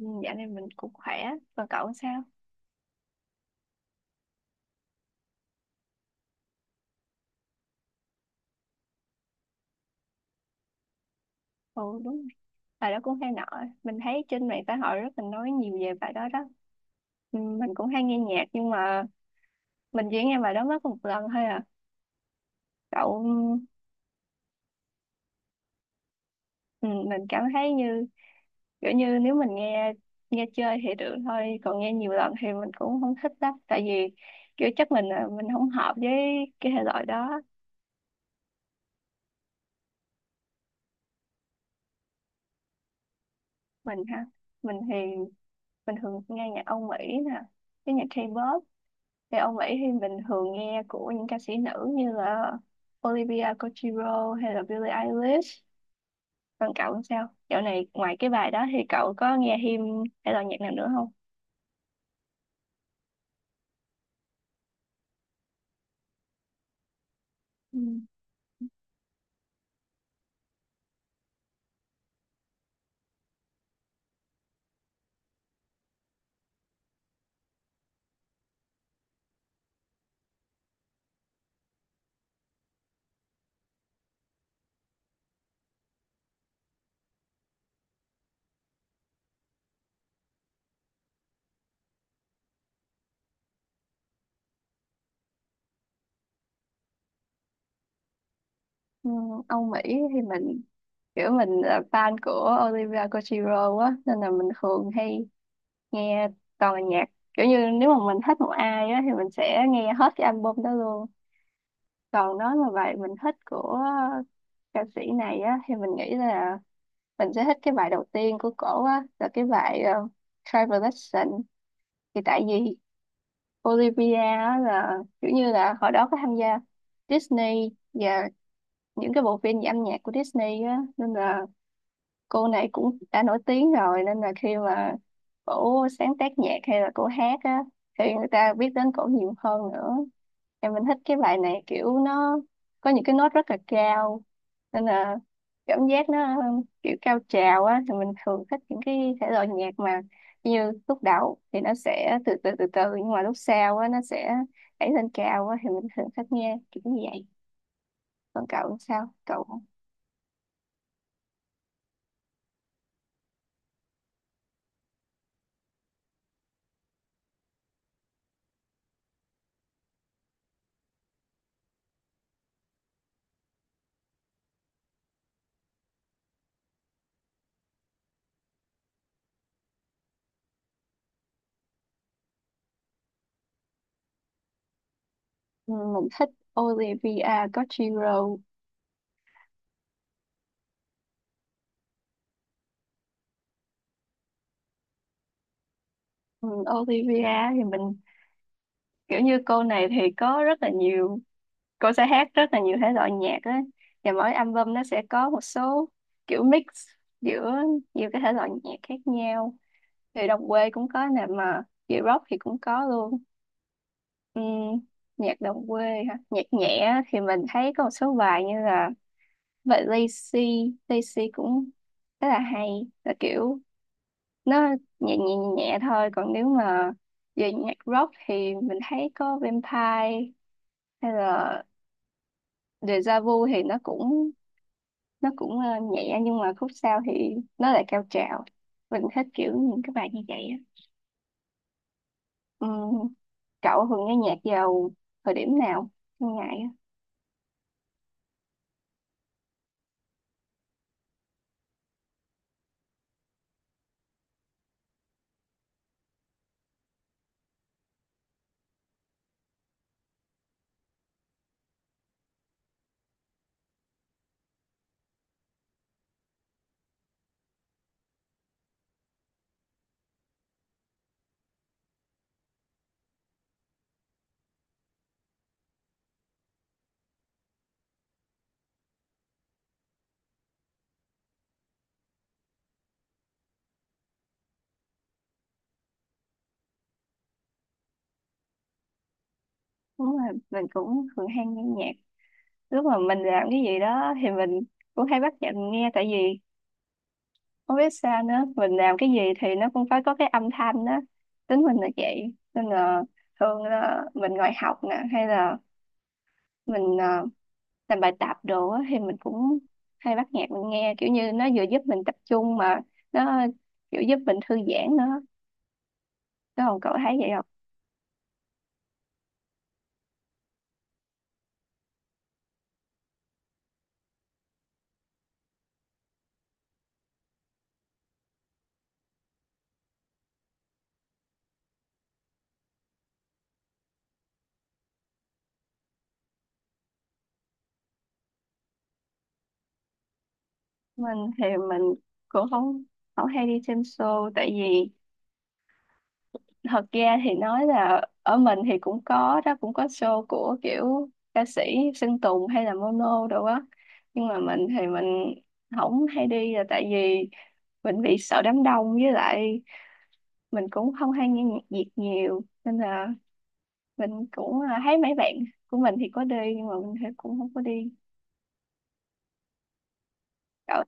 Ừ, dạo này mình cũng khỏe, còn cậu sao? Ừ, đúng rồi. Bài đó cũng hay nọ. Mình thấy trên mạng xã hội rất là nói nhiều về bài đó đó. Ừ, mình cũng hay nghe nhạc nhưng mà mình chỉ nghe bài đó mất một lần thôi à. Cậu, ừ, mình cảm thấy như kiểu như nếu mình nghe nghe chơi thì được thôi, còn nghe nhiều lần thì mình cũng không thích lắm. Tại vì kiểu chắc mình là mình không hợp với cái thể loại đó. Mình ha, mình thì mình thường nghe nhạc Âu Mỹ nè, cái nhạc K-pop thì ông ấy thì mình thường nghe của những ca sĩ nữ như là Olivia Rodrigo hay là Billie Eilish. Còn cậu làm sao? Dạo này ngoài cái bài đó thì cậu có nghe him hay là nhạc nào nữa không? Ừ. Ừ, Ông Mỹ thì mình kiểu mình là fan của Olivia Rodrigo á, nên là mình thường hay nghe toàn là nhạc kiểu như nếu mà mình thích một ai á thì mình sẽ nghe hết cái album đó luôn, còn nói mà bài mình thích của ca sĩ này á thì mình nghĩ là mình sẽ thích cái bài đầu tiên của cổ á, là cái bài Travel Lesson. Thì tại vì Olivia á là kiểu như là hồi đó có tham gia Disney và những cái bộ phim về âm nhạc của Disney á, nên là cô này cũng đã nổi tiếng rồi, nên là khi mà cổ sáng tác nhạc hay là cổ hát á thì người ta biết đến cổ nhiều hơn nữa. Em mình thích cái bài này kiểu nó có những cái nốt rất là cao, nên là cảm giác nó kiểu cao trào á, thì mình thường thích những cái thể loại nhạc mà như lúc đầu thì nó sẽ từ từ từ từ nhưng mà lúc sau á nó sẽ đẩy lên cao á, thì mình thường thích nghe kiểu như vậy. Còn cậu sao cậu? Ừ, mình thích Olivia Rodrigo. Ừ, Olivia thì mình kiểu như cô này thì có rất là nhiều, cô sẽ hát rất là nhiều thể loại nhạc á, và mỗi album nó sẽ có một số kiểu mix giữa nhiều cái thể loại nhạc khác nhau. Thì đồng quê cũng có nè mà chị rock thì cũng có luôn. Ừm, nhạc đồng quê hả, nhạc nhẹ á thì mình thấy có một số bài như là vậy Lazy Lazy cũng rất là hay, là kiểu nó nhẹ nhẹ nhẹ nhẹ thôi. Còn nếu mà về nhạc rock thì mình thấy có Vampire hay là Deja Vu thì nó cũng nhẹ nhưng mà khúc sau thì nó lại cao trào. Mình thích kiểu những cái bài như vậy á. Ừm, cậu thường nghe nhạc vào thời điểm nào trong ngày á? Đúng rồi, mình cũng thường hay nghe nhạc lúc mà mình làm cái gì đó thì mình cũng hay bắt nhạc mình nghe. Tại vì không biết sao nữa, mình làm cái gì thì nó cũng phải có cái âm thanh đó, tính mình là vậy, nên là thường là mình ngồi học nè hay là mình làm bài tập đồ á, thì mình cũng hay bắt nhạc mình nghe, kiểu như nó vừa giúp mình tập trung mà nó kiểu giúp mình thư giãn nữa. Đó, còn cậu thấy vậy không? Mình thì mình cũng không không hay đi xem show. Tại vì thật ra thì nói là ở mình thì cũng có đó, cũng có show của kiểu ca sĩ Sơn Tùng hay là Mono đồ á, nhưng mà mình thì mình không hay đi là tại vì mình bị sợ đám đông, với lại mình cũng không hay nghe nhạc Việt nhiều, nên là mình cũng thấy mấy bạn của mình thì có đi nhưng mà mình thì cũng không có đi. Ở,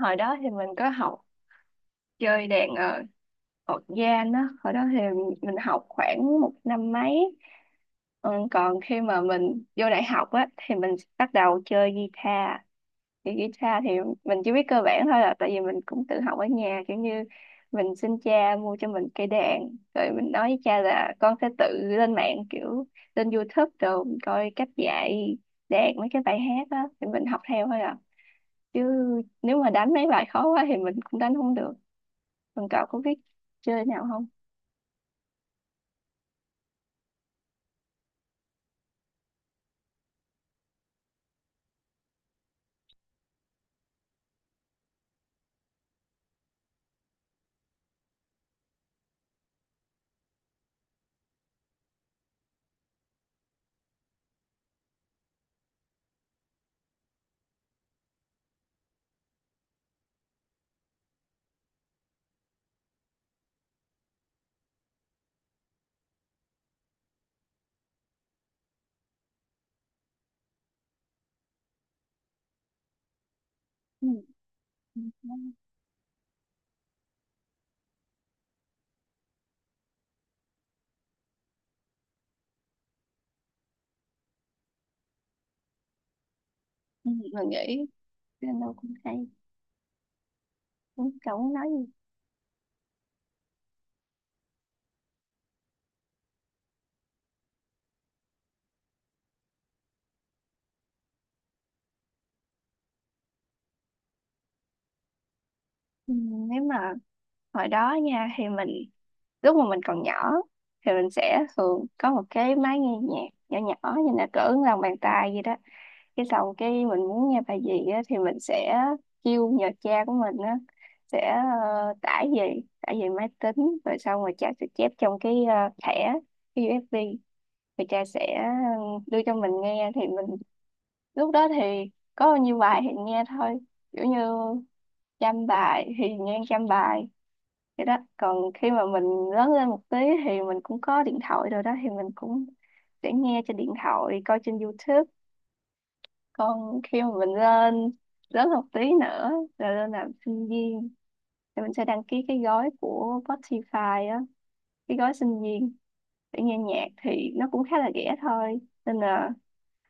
hồi đó thì mình có học chơi đàn Ở Gian á, hồi đó thì mình học khoảng một năm mấy. Ừ, còn khi mà mình vô đại học á, thì mình bắt đầu chơi guitar. Thì guitar thì mình chỉ biết cơ bản thôi, là tại vì mình cũng tự học ở nhà. Kiểu như mình xin cha mua cho mình cây đàn. Rồi mình nói với cha là con sẽ tự lên mạng kiểu lên YouTube rồi mình coi cách dạy đàn mấy cái bài hát á. Thì mình học theo thôi à. Chứ nếu mà đánh mấy bài khó quá thì mình cũng đánh không được. Còn cậu có biết chơi nào không? Ừ. Ừ, mình nghĩ piano cũng hay, cũng chẳng nói gì. Ừ, nếu mà hồi đó nha thì mình lúc mà mình còn nhỏ thì mình sẽ thường có một cái máy nghe nhạc nhỏ nhỏ như là cỡ lòng bàn tay gì đó. Cái xong cái mình muốn nghe bài gì á, thì mình sẽ kêu nhờ cha của mình á sẽ tải về máy tính rồi xong rồi cha sẽ chép trong cái thẻ cái USB rồi cha sẽ đưa cho mình nghe. Thì mình lúc đó thì có bao nhiêu bài thì nghe thôi, kiểu như trăm bài thì nghe trăm bài vậy đó. Còn khi mà mình lớn lên một tí thì mình cũng có điện thoại rồi đó, thì mình cũng sẽ nghe trên điện thoại, coi trên YouTube. Còn khi mà mình lên lớn một tí nữa rồi lên làm sinh viên thì mình sẽ đăng ký cái gói của Spotify á, cái gói sinh viên, để nghe nhạc thì nó cũng khá là rẻ thôi. Nên là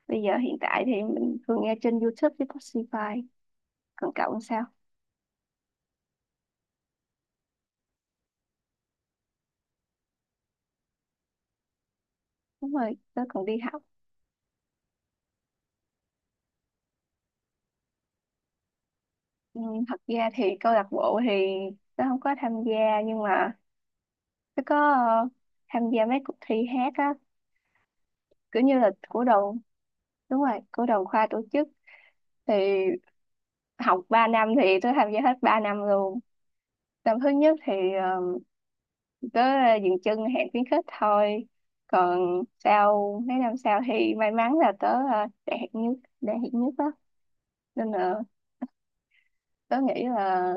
bây giờ hiện tại thì mình thường nghe trên YouTube với Spotify. Còn cậu làm sao? Đúng rồi, tớ còn đi học. Ừ, thật ra thì câu lạc bộ thì tớ không có tham gia nhưng mà tớ có tham gia mấy cuộc thi hát á, kiểu như là của đoàn. Đúng rồi, của đoàn khoa tổ chức. Thì học 3 năm thì tớ tham gia hết 3 năm luôn. Năm thứ nhất thì ờ, tớ dừng chân hẹn khuyến khích thôi. Còn sau mấy năm sau thì may mắn là tớ đạt hạng nhất á, nên là tớ nghĩ là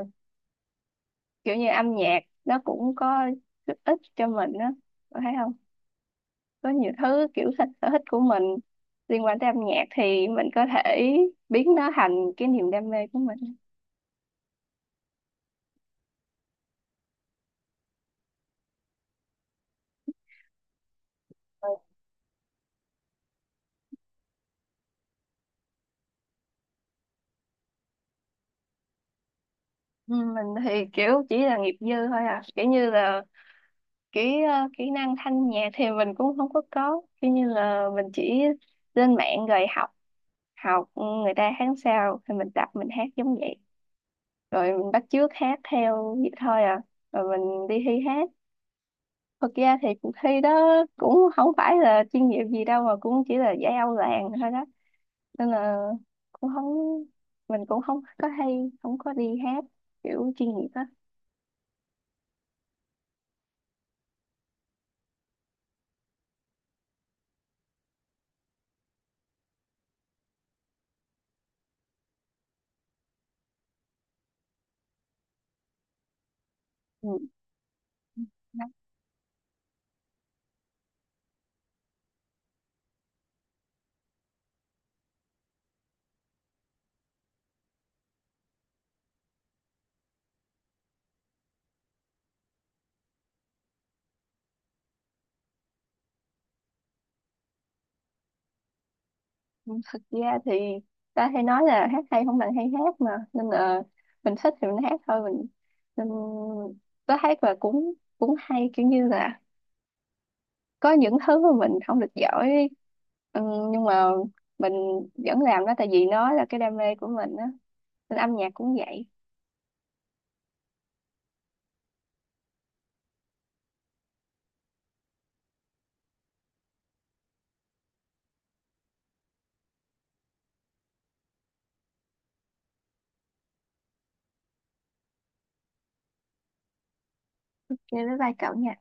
kiểu như âm nhạc nó cũng có giúp ích cho mình á, có thấy không, có nhiều thứ kiểu thích sở thích của mình liên quan tới âm nhạc thì mình có thể biến nó thành cái niềm đam mê của mình. Ừ, mình thì kiểu chỉ là nghiệp dư thôi à, kiểu như là cái kỹ năng thanh nhạc thì mình cũng không có kiểu như là mình chỉ lên mạng rồi học học người ta hát sao thì mình tập mình hát giống vậy, rồi mình bắt chước hát theo vậy thôi à, rồi mình đi thi hát. Thực ra thì cuộc thi đó cũng không phải là chuyên nghiệp gì đâu mà cũng chỉ là giải Âu làng thôi đó, nên là cũng không, mình cũng không có hay không có đi hát kiểu chuyên nghiệp á. Ừ. Thực ra thì ta hay nói là hát hay không bằng hay hát, mà nên là mình thích thì mình hát thôi. Mình nên tới hát và cũng cũng hay kiểu như là có những thứ mà mình không được giỏi, ừ, nhưng mà mình vẫn làm đó tại vì nó là cái đam mê của mình á. Nên âm nhạc cũng vậy. Chơi với vai cậu nha.